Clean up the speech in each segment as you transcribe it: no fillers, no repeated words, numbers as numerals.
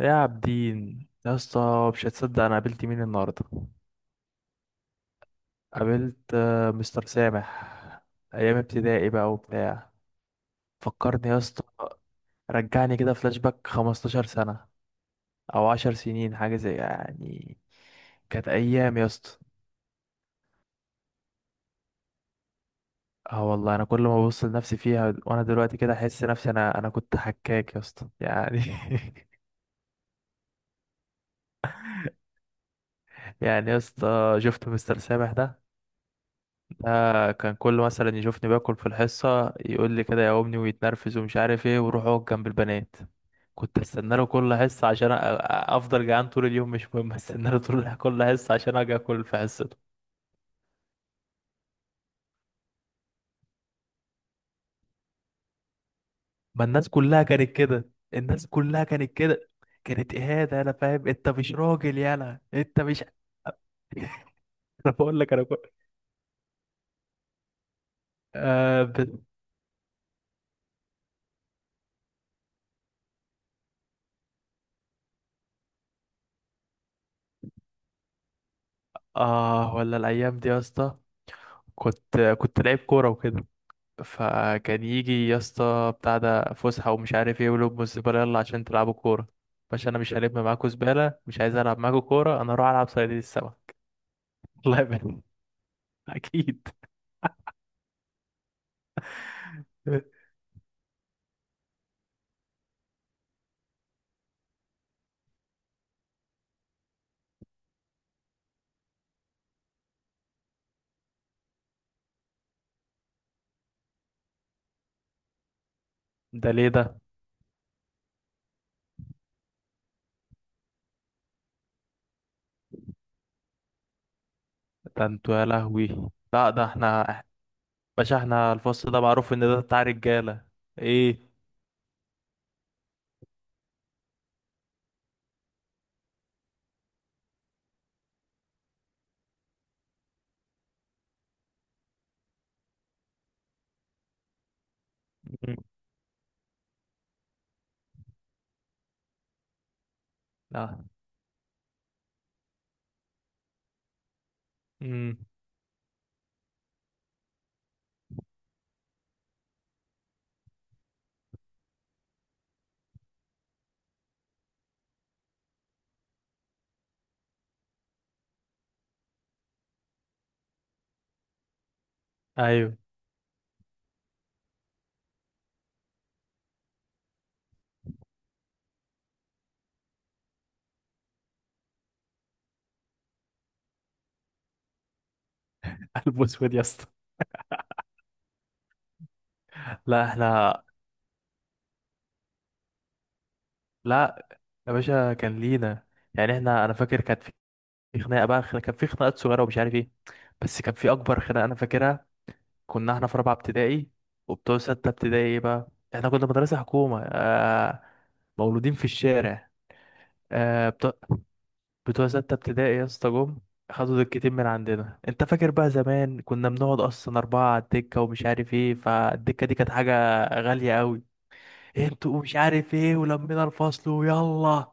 يا عابدين يا اسطى، مش هتصدق انا قابلت مين النهارده. قابلت مستر سامح. ايام ابتدائي بقى وبتاع. فكرني يا اسطى. رجعني كده فلاش باك 15 سنه، او 10 سنين حاجه زي يعني. كانت ايام يا اسطى. اه والله، انا كل ما ببص لنفسي فيها وانا دلوقتي كده احس نفسي انا كنت حكاك يا اسطى يعني يعني يا اسطى شفت مستر سامح ده. كان كل مثلا يشوفني باكل في الحصة، يقول لي كده يا أمي ويتنرفز ومش عارف ايه، ويروح اقعد جنب البنات. كنت استنى له كل حصة عشان افضل جعان طول اليوم، مش مهم، استنى له طول كل حصة عشان اجي اكل في حصته. ما الناس كلها كانت كده، الناس كلها كانت كده. كانت اهانة، انا فاهم انت مش راجل، يالا انت مش انا بقول لك انا كنت آه, ب... اه، ولا الايام دي يا اسطى. كنت لعيب كورة وكده. فكان يجي يا اسطى بتاع ده فسحة ومش عارف ايه، ولب الزبالة يلا عشان تلعبوا كورة. باشا انا مش هلم معاكوا زبالة، مش عايز العب معاكوا كورة، انا اروح العب صيادين السمك. الله يبارك. اكيد. ده ليه ده؟ ده انتوا يا لهوي. لا ده احنا باشا، احنا الفصل ده معروف ان ده بتاع رجالة. ايه. مم. لا. امم. ايوه. قلب اسود يا اسطى. لا احنا. لا يا باشا كان لينا. يعني احنا، انا فاكر كانت في خناقه بقى، خناقة، كان في خناقات صغيره ومش عارف ايه، بس كان في اكبر خناقه انا فاكرها. كنا احنا في رابعه ابتدائي، وبتوع سته ابتدائي ايه بقى. احنا كنا مدرسه حكومه آه. مولودين في الشارع. آه بتوع، بتوع سته ابتدائي يا اسطى جم، خدوا دكتين من عندنا. انت فاكر بقى زمان كنا بنقعد اصلا اربعه على الدكه ومش عارف ايه، فالدكه دي كانت حاجه غاليه قوي. انتوا مش عارف ايه، ولمينا الفصل ويلا.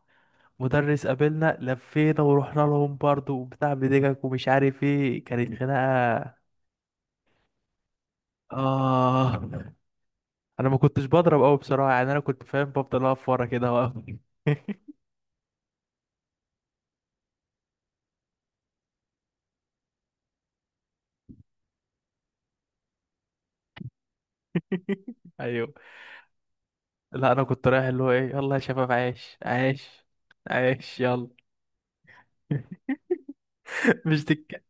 مدرس قابلنا لفينا ورحنا لهم برضو وبتاع بدقك ومش عارف ايه، كانت خناقة. اه. انا ما كنتش بضرب قوي بصراحة يعني، انا كنت فاهم بفضل اقف ورا كده واقف ايوه. لا انا كنت رايح اللي هو ايه يلا يا شباب، عايش عايش عايش يلا مش دك.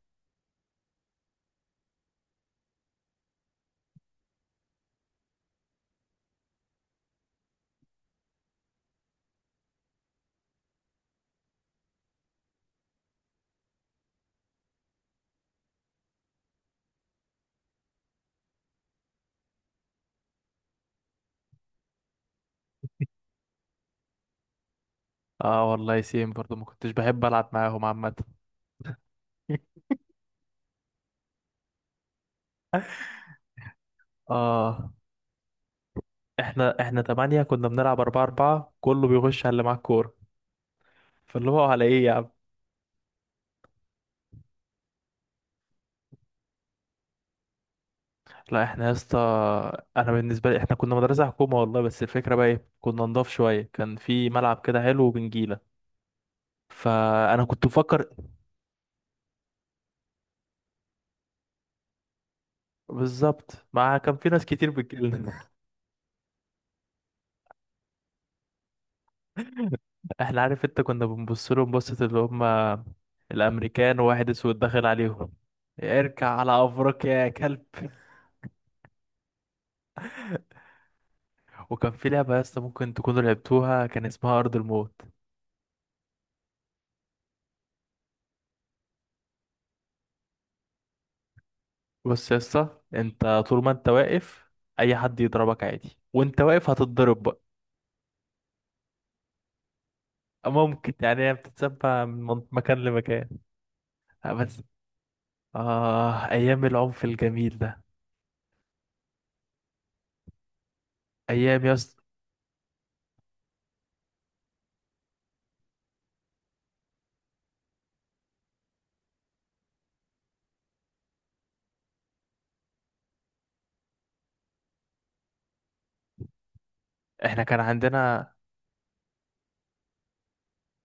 اه والله سيم برضو، ما كنتش بحب العب معاهم عامة اه. احنا تمانية كنا بنلعب اربعة اربعة، كله بيغش على اللي معاه الكورة. فاللي هو على ايه يا. لا احنا يا اسطى، انا بالنسبه لي احنا كنا مدرسه حكومه والله، بس الفكره بقى ايه، كنا نضاف شويه، كان في ملعب كده حلو وبنجيله. فانا كنت بفكر. بالظبط، ما كان في ناس كتير بتجيلنا احنا عارف انت، كنا بنبص لهم بصه، اللي هم الامريكان وواحد اسود داخل عليهم. اركع على افريقيا يا كلب. وكان في لعبه يا اسطى ممكن تكونوا لعبتوها، كان اسمها ارض الموت. بص يا اسطى، انت طول ما انت واقف، اي حد يضربك عادي وانت واقف هتتضرب بقى. ممكن يعني، هي بتتسبع مكان لمكان. بس أيام العنف الجميل ده. أيام يا اسطى. إحنا كان عندنا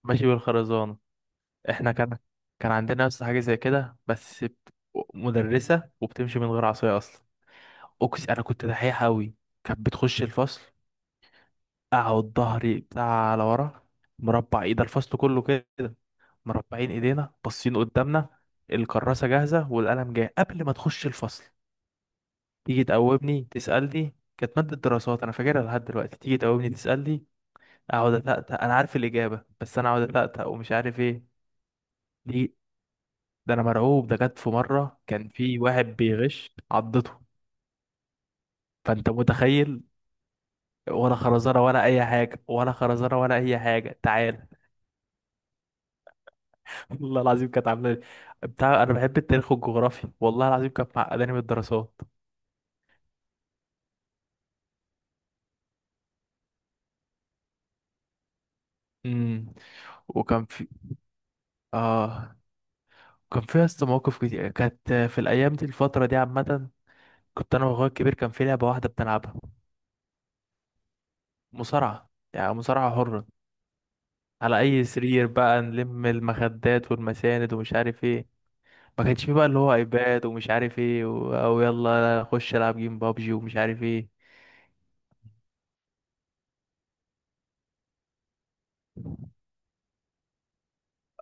ماشي بالخرزانة. إحنا كان، كان عندنا يا اسطى حاجة زي كده بس مدرسة، وبتمشي من غير عصاية أصلا. أقسم أنا كنت دحيح أوي. كانت بتخش الفصل، أقعد ظهري بتاع على ورا، مربع إيد الفصل كله كده، مربعين إيدينا باصين قدامنا، الكراسة جاهزة والقلم جاي قبل ما تخش الفصل. تيجي تقومني تسألني، كانت مادة دراسات أنا فاكرها لحد دلوقتي، تيجي تقومني تسألني، أقعد أتأتأ أنا عارف الإجابة بس أنا أقعد أتأتأ ومش عارف إيه. دي، ده أنا مرعوب. ده جت في مرة كان في واحد بيغش عضته. فأنت متخيل. ولا خرزانة ولا أي حاجة، ولا خرزانة ولا أي حاجة، تعال والله العظيم كانت عاملة لي- بتاع، أنا بحب التاريخ والجغرافيا والله العظيم، كانت معقداني من الدراسات. امم. وكان في آه كان فيها اسطى مواقف كتير، كانت في الأيام دي الفترة دي عامة. كنت انا واخويا الكبير كان في لعبه واحده بنلعبها، مصارعه يعني مصارعه حره، على اي سرير بقى نلم المخدات والمساند ومش عارف ايه. ما كانش في بقى اللي هو ايباد ومش عارف ايه او يلا خش العب جيم بابجي ومش عارف ايه.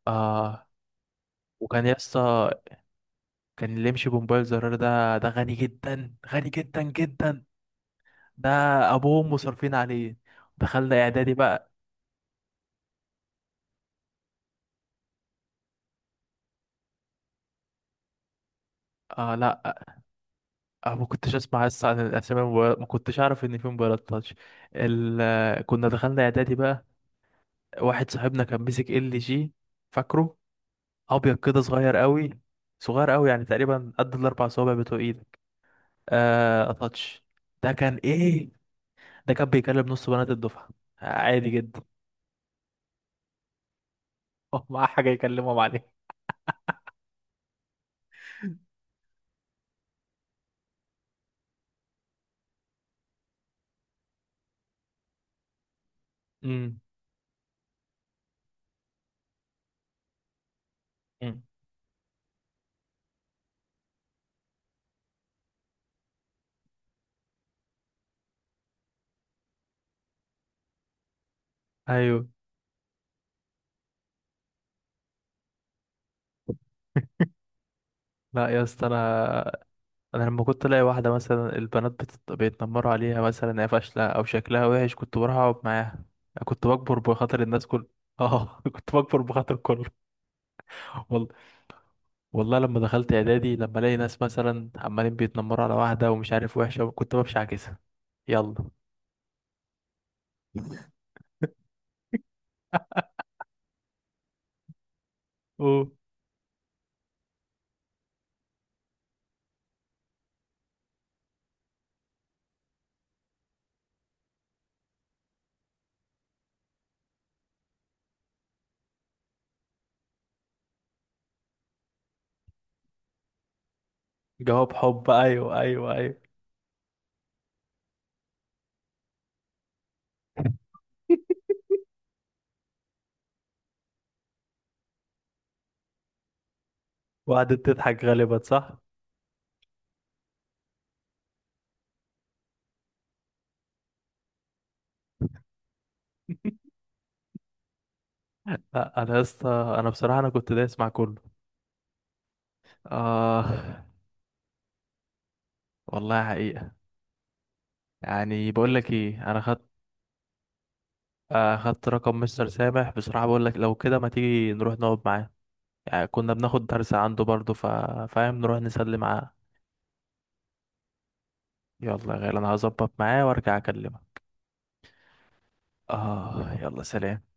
اه. وكان يسطا، كان اللي يمشي بموبايل زرار ده غني جدا، غني جدا جدا. ده ابوهم مصرفين عليه. دخلنا اعدادي بقى. اه لا. اه ما كنتش اسمع لسه عن الاسامي، ما كنتش اعرف ان في موبايلات تاتش. كنا دخلنا اعدادي بقى. واحد صاحبنا كان مسك ال جي. فاكره، ابيض كده صغير قوي، صغير قوي يعني تقريبا قد الاربع صوابع بتوع ايدك. آه تاتش. ده كان ايه، ده كان بيكلم نص بنات الدفعه، عادي جدا معاه حاجة يكلمهم عليها. امم. ايوه لا يا اسطى انا، انا لما كنت الاقي واحده مثلا البنات بيتنمروا عليها مثلا هي فاشله او شكلها وحش، كنت بروح اقعد معاها. كنت بكبر بخاطر الناس كل. اه كنت بكبر بخاطر كله. والله، والله لما دخلت اعدادي، لما الاقي ناس مثلا عمالين بيتنمروا على واحده ومش عارف وحشه، كنت بمشي عكسها. يلا. اوه. جواب حب، ايوه ايوه ايوه. وقعدت تضحك غالبا صح. لا انا يا اسطى، انا بصراحه انا كنت دايس مع كله. اه. والله حقيقه. يعني بقول لك ايه، انا خدت، اخدت رقم مستر سامح بصراحة، بقول لك لو كده ما تيجي نروح نقعد معاه، يعني كنا بناخد درس عنده برضه فاهم نروح نسلم معاه. يلا يا غالي، انا هظبط معاه وارجع اكلمك. اه يلا، سلام.